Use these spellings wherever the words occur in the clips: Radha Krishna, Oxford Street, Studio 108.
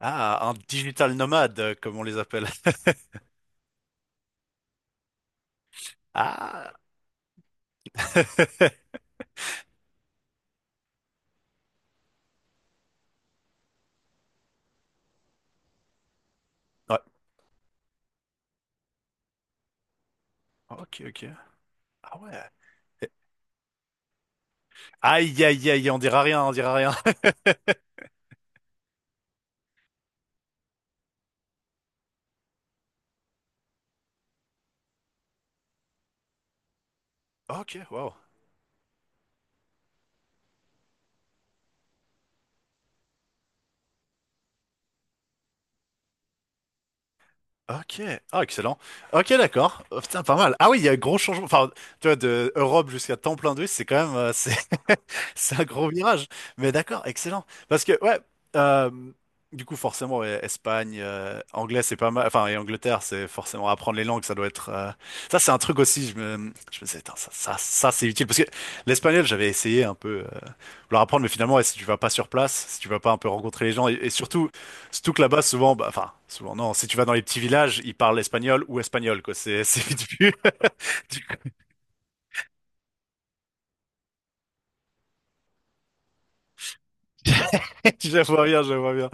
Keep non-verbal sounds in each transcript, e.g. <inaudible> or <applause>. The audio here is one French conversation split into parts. Ah, un digital nomade, comme on les appelle. <laughs> Ah. <laughs> Ouais. Ok, ok. Ah ouais. Aïe, aïe, aïe, on dira rien, on dira rien. <laughs> Ok, wow. Ok, ah excellent. Ok, d'accord. Oh, putain, pas mal. Ah oui, il y a un gros changement. Enfin, tu vois, de Europe jusqu'à temps plein d'eux, c'est quand même, <laughs> c'est un gros virage. Mais d'accord, excellent. Parce que ouais, euh, du coup, forcément, ouais, Espagne, anglais, c'est pas mal. Enfin, et Angleterre, c'est forcément apprendre les langues, ça doit être. Ça, c'est un truc aussi. Je me disais, Tain, ça, c'est utile parce que l'espagnol, j'avais essayé un peu leur apprendre, mais finalement, ouais, si tu vas pas sur place, si tu vas pas un peu rencontrer les gens, et surtout. Surtout que là-bas, souvent, bah, enfin, souvent, non, si tu vas dans les petits villages, ils parlent espagnol ou espagnol, quoi. C'est, <laughs> c'est vite vu. <laughs> Du coup, <laughs> je vois bien.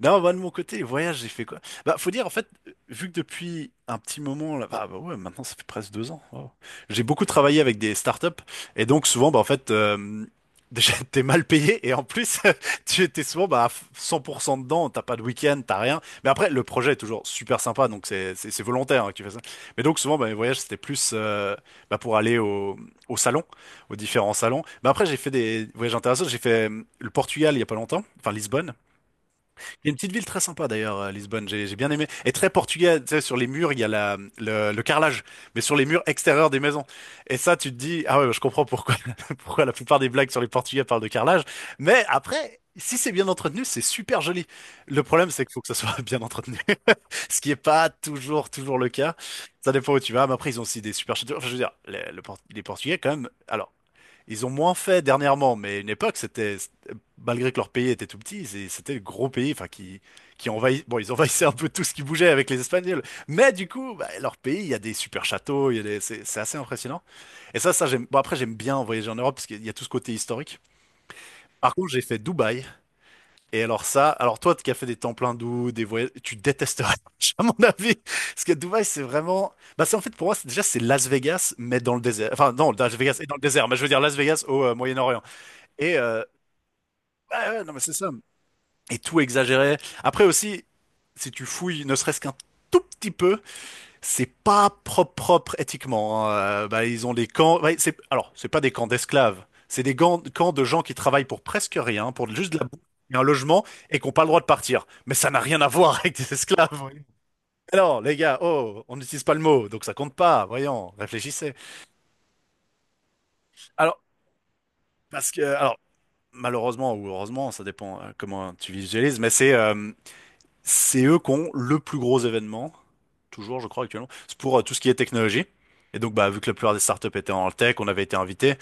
Non, moi de mon côté, les voyages, j'ai fait quoi? Bah, faut dire, en fait, vu que depuis un petit moment, là, bah ouais, maintenant ça fait presque 2 ans. Wow. J'ai beaucoup travaillé avec des startups et donc souvent, bah en fait, déjà <laughs> t'es mal payé et en plus, <laughs> tu étais souvent bah à 100% dedans, t'as pas de week-end, t'as rien. Mais après, le projet est toujours super sympa, donc c'est volontaire hein, qui fait ça. Mais donc souvent, bah, mes voyages c'était plus bah, pour aller au salon, aux différents salons. Mais après, j'ai fait des voyages intéressants. J'ai fait le Portugal il y a pas longtemps, enfin Lisbonne. Il y a une petite ville très sympa d'ailleurs, Lisbonne, j'ai bien aimé. Et très portugais, tu sais, sur les murs, il y a le carrelage, mais sur les murs extérieurs des maisons. Et ça, tu te dis, ah ouais, bah, je comprends pourquoi, <laughs> pourquoi la plupart des blagues sur les Portugais parlent de carrelage. Mais après, si c'est bien entretenu, c'est super joli. Le problème, c'est qu'il faut que ça soit <laughs> bien entretenu, <laughs> ce qui est pas toujours le cas. Ça dépend où tu vas, mais après, ils ont aussi des super châteaux. Enfin, je veux dire, le Port- les Portugais, quand même, alors, ils ont moins fait dernièrement, mais à une époque, c'était- malgré que leur pays était tout petit, c'est- c'était le gros pays, enfin, qui envahit, bon, ils envahissaient un peu tout ce qui bougeait avec les Espagnols. Mais du coup, bah, leur pays, il y a des super châteaux, il y a des- c'est assez impressionnant. Et j'aime, bon, après, j'aime bien voyager en Europe parce qu'il y a tout ce côté historique. Par contre, j'ai fait Dubaï. Et alors ça, alors toi qui as fait des temples hindous, des voyages, tu détesterais, <laughs> à mon avis. Parce que Dubaï, c'est vraiment, bah c'est en fait pour moi, c'est- déjà c'est Las Vegas, mais dans le désert. Enfin non, Las Vegas et dans le désert, mais je veux dire Las Vegas au Moyen-Orient. Et euh, ouais, non, mais c'est ça. Et tout exagéré. Après aussi, si tu fouilles, ne serait-ce qu'un tout petit peu, c'est pas propre éthiquement, hein. Bah, ils ont des camps. Ouais, c'est... Alors, c'est pas des camps d'esclaves. C'est des gants- camps de gens qui travaillent pour presque rien, pour juste de la bouffe et un logement, et qui n'ont pas le droit de partir. Mais ça n'a rien à voir avec des esclaves. Alors, les gars, oh, on n'utilise pas le mot, donc ça compte pas. Voyons, réfléchissez. Alors, parce que, alors, malheureusement ou heureusement, ça dépend comment tu visualises, mais c'est eux qui ont le plus gros événement, toujours je crois actuellement, c'est pour tout ce qui est technologie. Et donc bah vu que la plupart des startups étaient en tech, on avait été invités.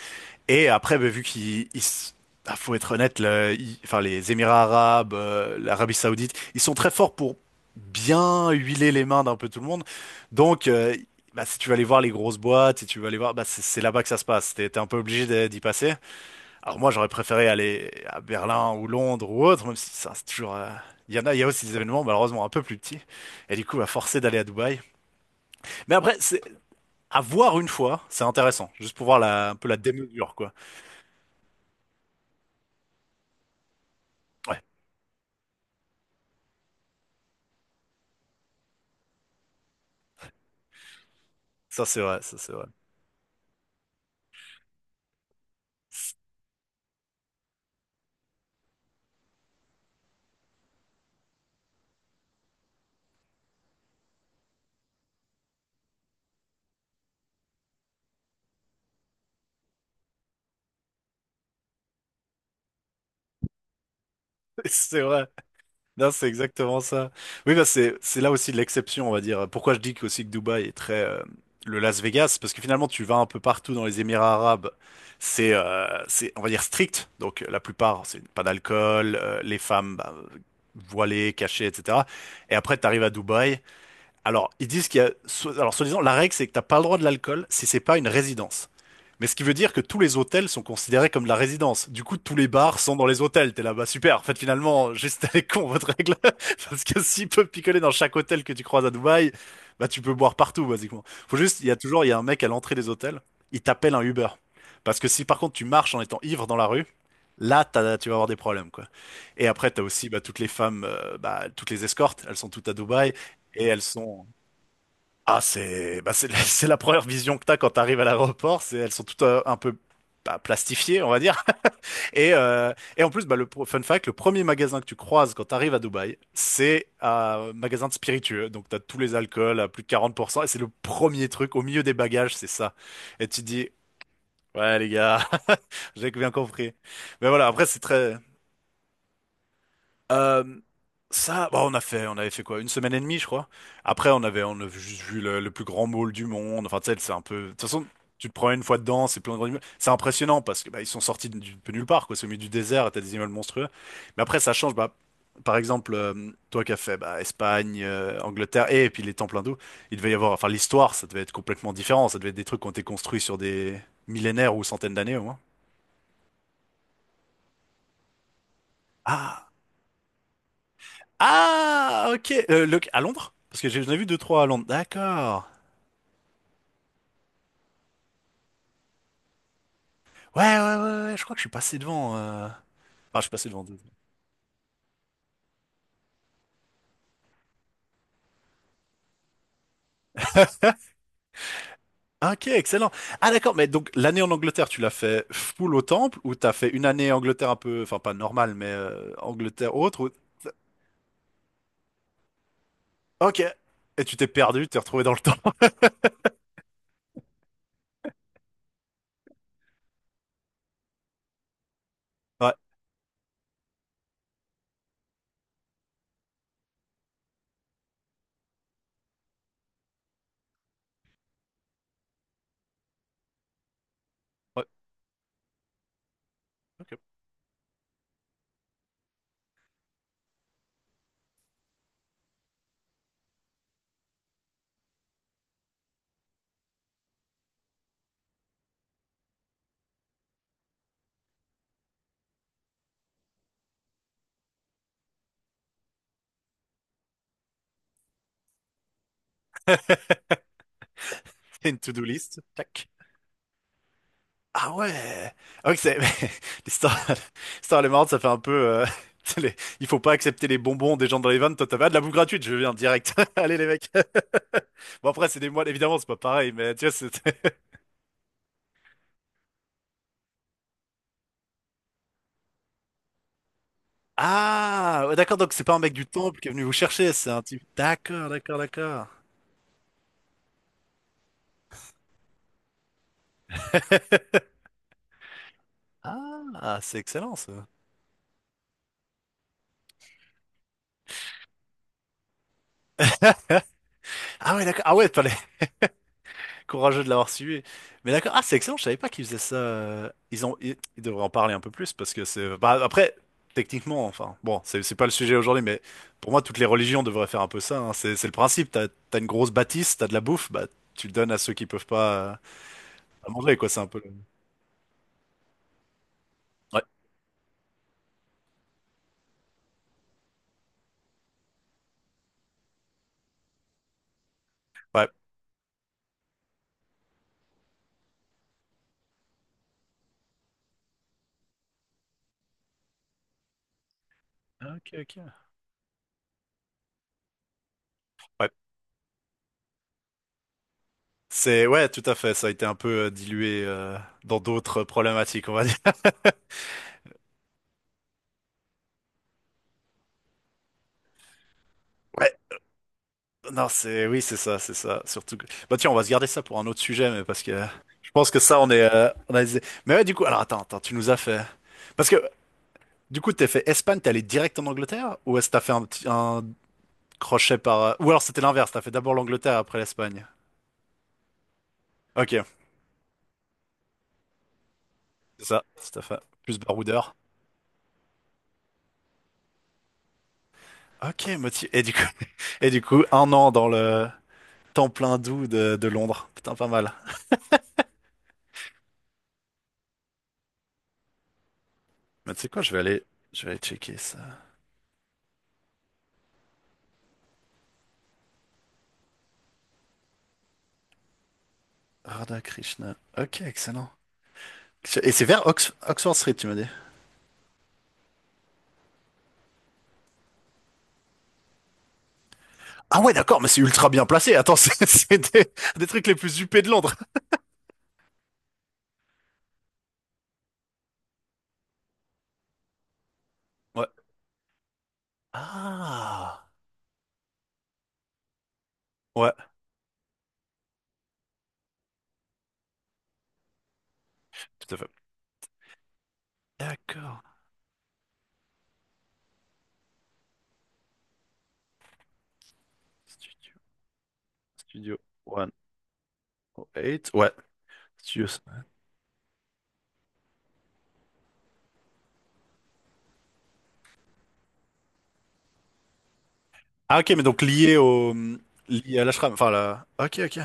Et après bah, vu qu'il ils s- ah, faut être honnête, le- ils- enfin les Émirats arabes, l'Arabie Saoudite, ils sont très forts pour bien huiler les mains d'un peu tout le monde. Donc bah, si tu vas aller voir les grosses boîtes, si tu vas aller voir, bah c'est là-bas que ça se passe. T'es un peu obligé d'y passer. Alors moi, j'aurais préféré aller à Berlin ou Londres ou autre, même si ça, c'est toujours... il y en a, il y a aussi des événements malheureusement un peu plus petits. Et du coup, à forcer d'aller à Dubaï. Mais après, c'est à voir une fois, c'est intéressant. Juste pour voir la, un peu la démesure, quoi. Ouais, ça c'est vrai. <laughs> C'est vrai. Non, c'est exactement ça. Oui, bah c'est là aussi l'exception, on va dire. Pourquoi je dis que aussi que Dubaï est très le Las Vegas, parce que finalement tu vas un peu partout dans les Émirats arabes, c'est on va dire strict. Donc la plupart, c'est pas d'alcool, les femmes bah, voilées, cachées, etc. Et après tu arrives à Dubaï. Alors ils disent qu'il y a so- alors soi-disant la règle c'est que t'as pas le droit de l'alcool si c'est pas une résidence. Mais ce qui veut dire que tous les hôtels sont considérés comme de la résidence. Du coup, tous les bars sont dans les hôtels. T'es là, bah super. En fait, finalement, <laughs> juste elle est con, votre règle. <laughs> Parce que s'ils peuvent picoler dans chaque hôtel que tu croises à Dubaï, bah tu peux boire partout, basiquement. Faut juste, il y a toujours, il y a un mec à l'entrée des hôtels, il t'appelle un Uber. Parce que si par contre tu marches en étant ivre dans la rue, là, t'as- tu vas avoir des problèmes, quoi. Et après, t'as aussi bah, toutes les femmes, bah, toutes les escortes, elles sont toutes à Dubaï. Et elles sont ah, c'est bah, c'est <laughs> c'est la première vision que t'as quand t'arrives à l'aéroport. C'est elles sont toutes un peu bah, plastifiées, on va dire. <laughs> Et euh, et en plus, bah, le pro- fun fact, le premier magasin que tu croises quand t'arrives à Dubaï, c'est un magasin de spiritueux. Donc t'as tous les alcools à plus de 40%. Et c'est le premier truc au milieu des bagages, c'est ça. Et tu te dis, ouais les gars, <laughs> j'ai bien compris. Mais voilà, après c'est très euh, ça, bah, on a fait, on avait fait quoi? Une semaine et demie, je crois. Après, on a juste vu le plus grand mall du monde. Enfin, tu sais, c'est un peu. De toute façon, tu te prends une fois dedans, c'est plein de grands immeubles. C'est impressionnant parce que bah, ils sont sortis de nulle part, quoi. C'est au milieu du désert, et t'as des immeubles monstrueux. Mais après, ça change. Bah, par exemple, toi qui as fait bah, Espagne, Angleterre et, puis les temples hindous, il devait y avoir. Enfin, l'histoire, ça devait être complètement différent. Ça devait être des trucs qui ont été construits sur des millénaires ou centaines d'années au moins. Ah, Ah, ok. Le- à Londres? Parce que j'ai- j'en ai vu deux, trois à Londres. D'accord. Ouais, je crois que je suis passé devant, enfin, je suis passé devant. Deux. Ok, excellent. Ah, d'accord, mais donc l'année en Angleterre, tu l'as fait full au temple ou t'as fait une année Angleterre un peu, enfin pas normale, mais Angleterre autre ou... Ok. Et tu t'es perdu, tu t'es retrouvé dans le temps. <laughs> Ouais, ouais. Ok. Fais une to-do list. Tac. Ah ouais! Ah oui, c'est... <laughs> L'histoire l'histoire, elle est marrante, ça fait un peu... euh, <laughs> tu sais, les- il faut pas accepter les bonbons des gens dans les vannes. Toi, t'as pas de la bouffe gratuite, je viens direct. <laughs> Allez, les mecs. <laughs> Bon, après, c'est des moines, évidemment, c'est pas pareil, mais tu vois, c'était... <laughs> Ah! Ouais, d'accord, donc c'est pas un mec du temple qui est venu vous chercher, c'est un type... D'accord, d'accord. <laughs> Ah, c'est excellent, ça. Ah ouais, d'accord. Ah ouais, courageux de l'avoir suivi. Mais d'accord. Ah, c'est excellent, je savais pas qu'ils faisaient ça. Ils ont, ils devraient en parler un peu plus parce que c'est. Bah, après, techniquement, enfin, bon, c'est pas le sujet aujourd'hui, mais pour moi, toutes les religions devraient faire un peu ça, hein. C'est le principe. T'as une grosse bâtisse, t'as de la bouffe, bah, tu le donnes à ceux qui peuvent pas, pas manger, quoi. C'est un peu. Le- ouais. Ouais. Ok, ok. Ouais. C'est, ouais, tout à fait. Ça a été un peu dilué dans d'autres problématiques, on va dire. <laughs> Ouais. Non, c'est oui, c'est ça, c'est ça. Surtout que... Bah tiens, on va se garder ça pour un autre sujet, mais parce que je pense que ça, on est, on a... des- mais ouais, du coup, alors attends, attends, tu nous as fait. Parce que du coup, t'es fait Espagne, t'es allé direct en Angleterre, ou est-ce que t'as fait un, petit- un crochet par. Ou alors c'était l'inverse, t'as fait d'abord l'Angleterre après l'Espagne. Ok, c'est ça, tout à fait. Plus baroudeur. Ok, motif. Et du coup, <laughs> et du coup, 1 an dans le temps plein doux de Londres. Putain, pas mal. Mais tu sais quoi, je vais aller checker ça. Radha Krishna. Ok, excellent. Et c'est vers Ox- Oxford Street, tu m'as dit. Ah ouais, d'accord, mais c'est ultra bien placé. Attends, c'est <laughs> des trucs les plus huppés de Londres. Ouais. Ah. Ouais, tout à fait. D'accord. Studio, Studio 108. Ouais. Studio. Ah ok, mais donc lié à l'ashram. Enfin la. Ok, ok.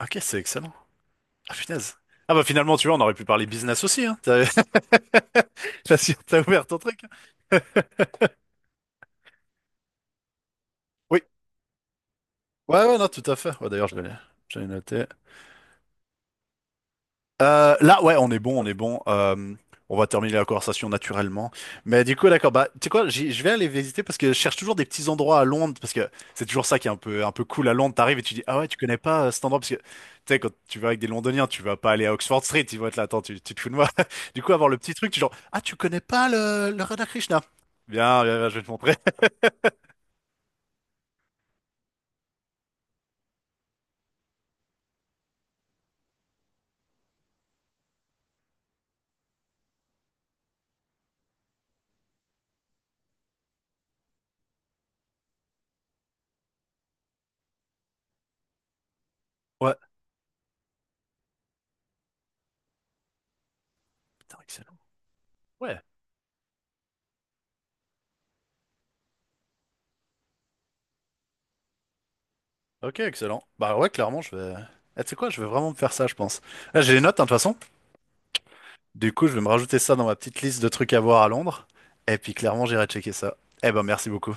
Ok, c'est excellent. Ah punaise. Ah bah finalement, tu vois, on aurait pu parler business aussi, hein. T'as <laughs> là, si t'as ouvert ton truc. Oui. Ouais, non, tout à fait. Ouais, d'ailleurs, je l'ai noté. Là, ouais, on est bon. On va terminer la conversation naturellement. Mais du coup, d'accord, bah, tu sais quoi, j'y- je vais aller visiter parce que je cherche toujours des petits endroits à Londres parce que c'est toujours ça qui est un peu cool à Londres. T'arrives et tu dis, ah ouais, tu connais pas cet endroit parce que, tu sais, quand tu vas avec des Londoniens, tu vas pas aller à Oxford Street, ils vont être là, attends, tu te fous de moi. <laughs> Du coup, avoir le petit truc, tu genre, ah, tu connais pas le Radhakrishna. Bien, bien, je vais te montrer. <laughs> Ouais, putain, excellent. Ouais, ok, excellent. Bah ouais, clairement, je vais. Eh, tu sais quoi, je vais vraiment me faire ça, je pense. Là, j'ai les notes, hein, de toute façon. Du coup, je vais me rajouter ça dans ma petite liste de trucs à voir à Londres. Et puis clairement, j'irai checker ça. Eh ben, merci beaucoup.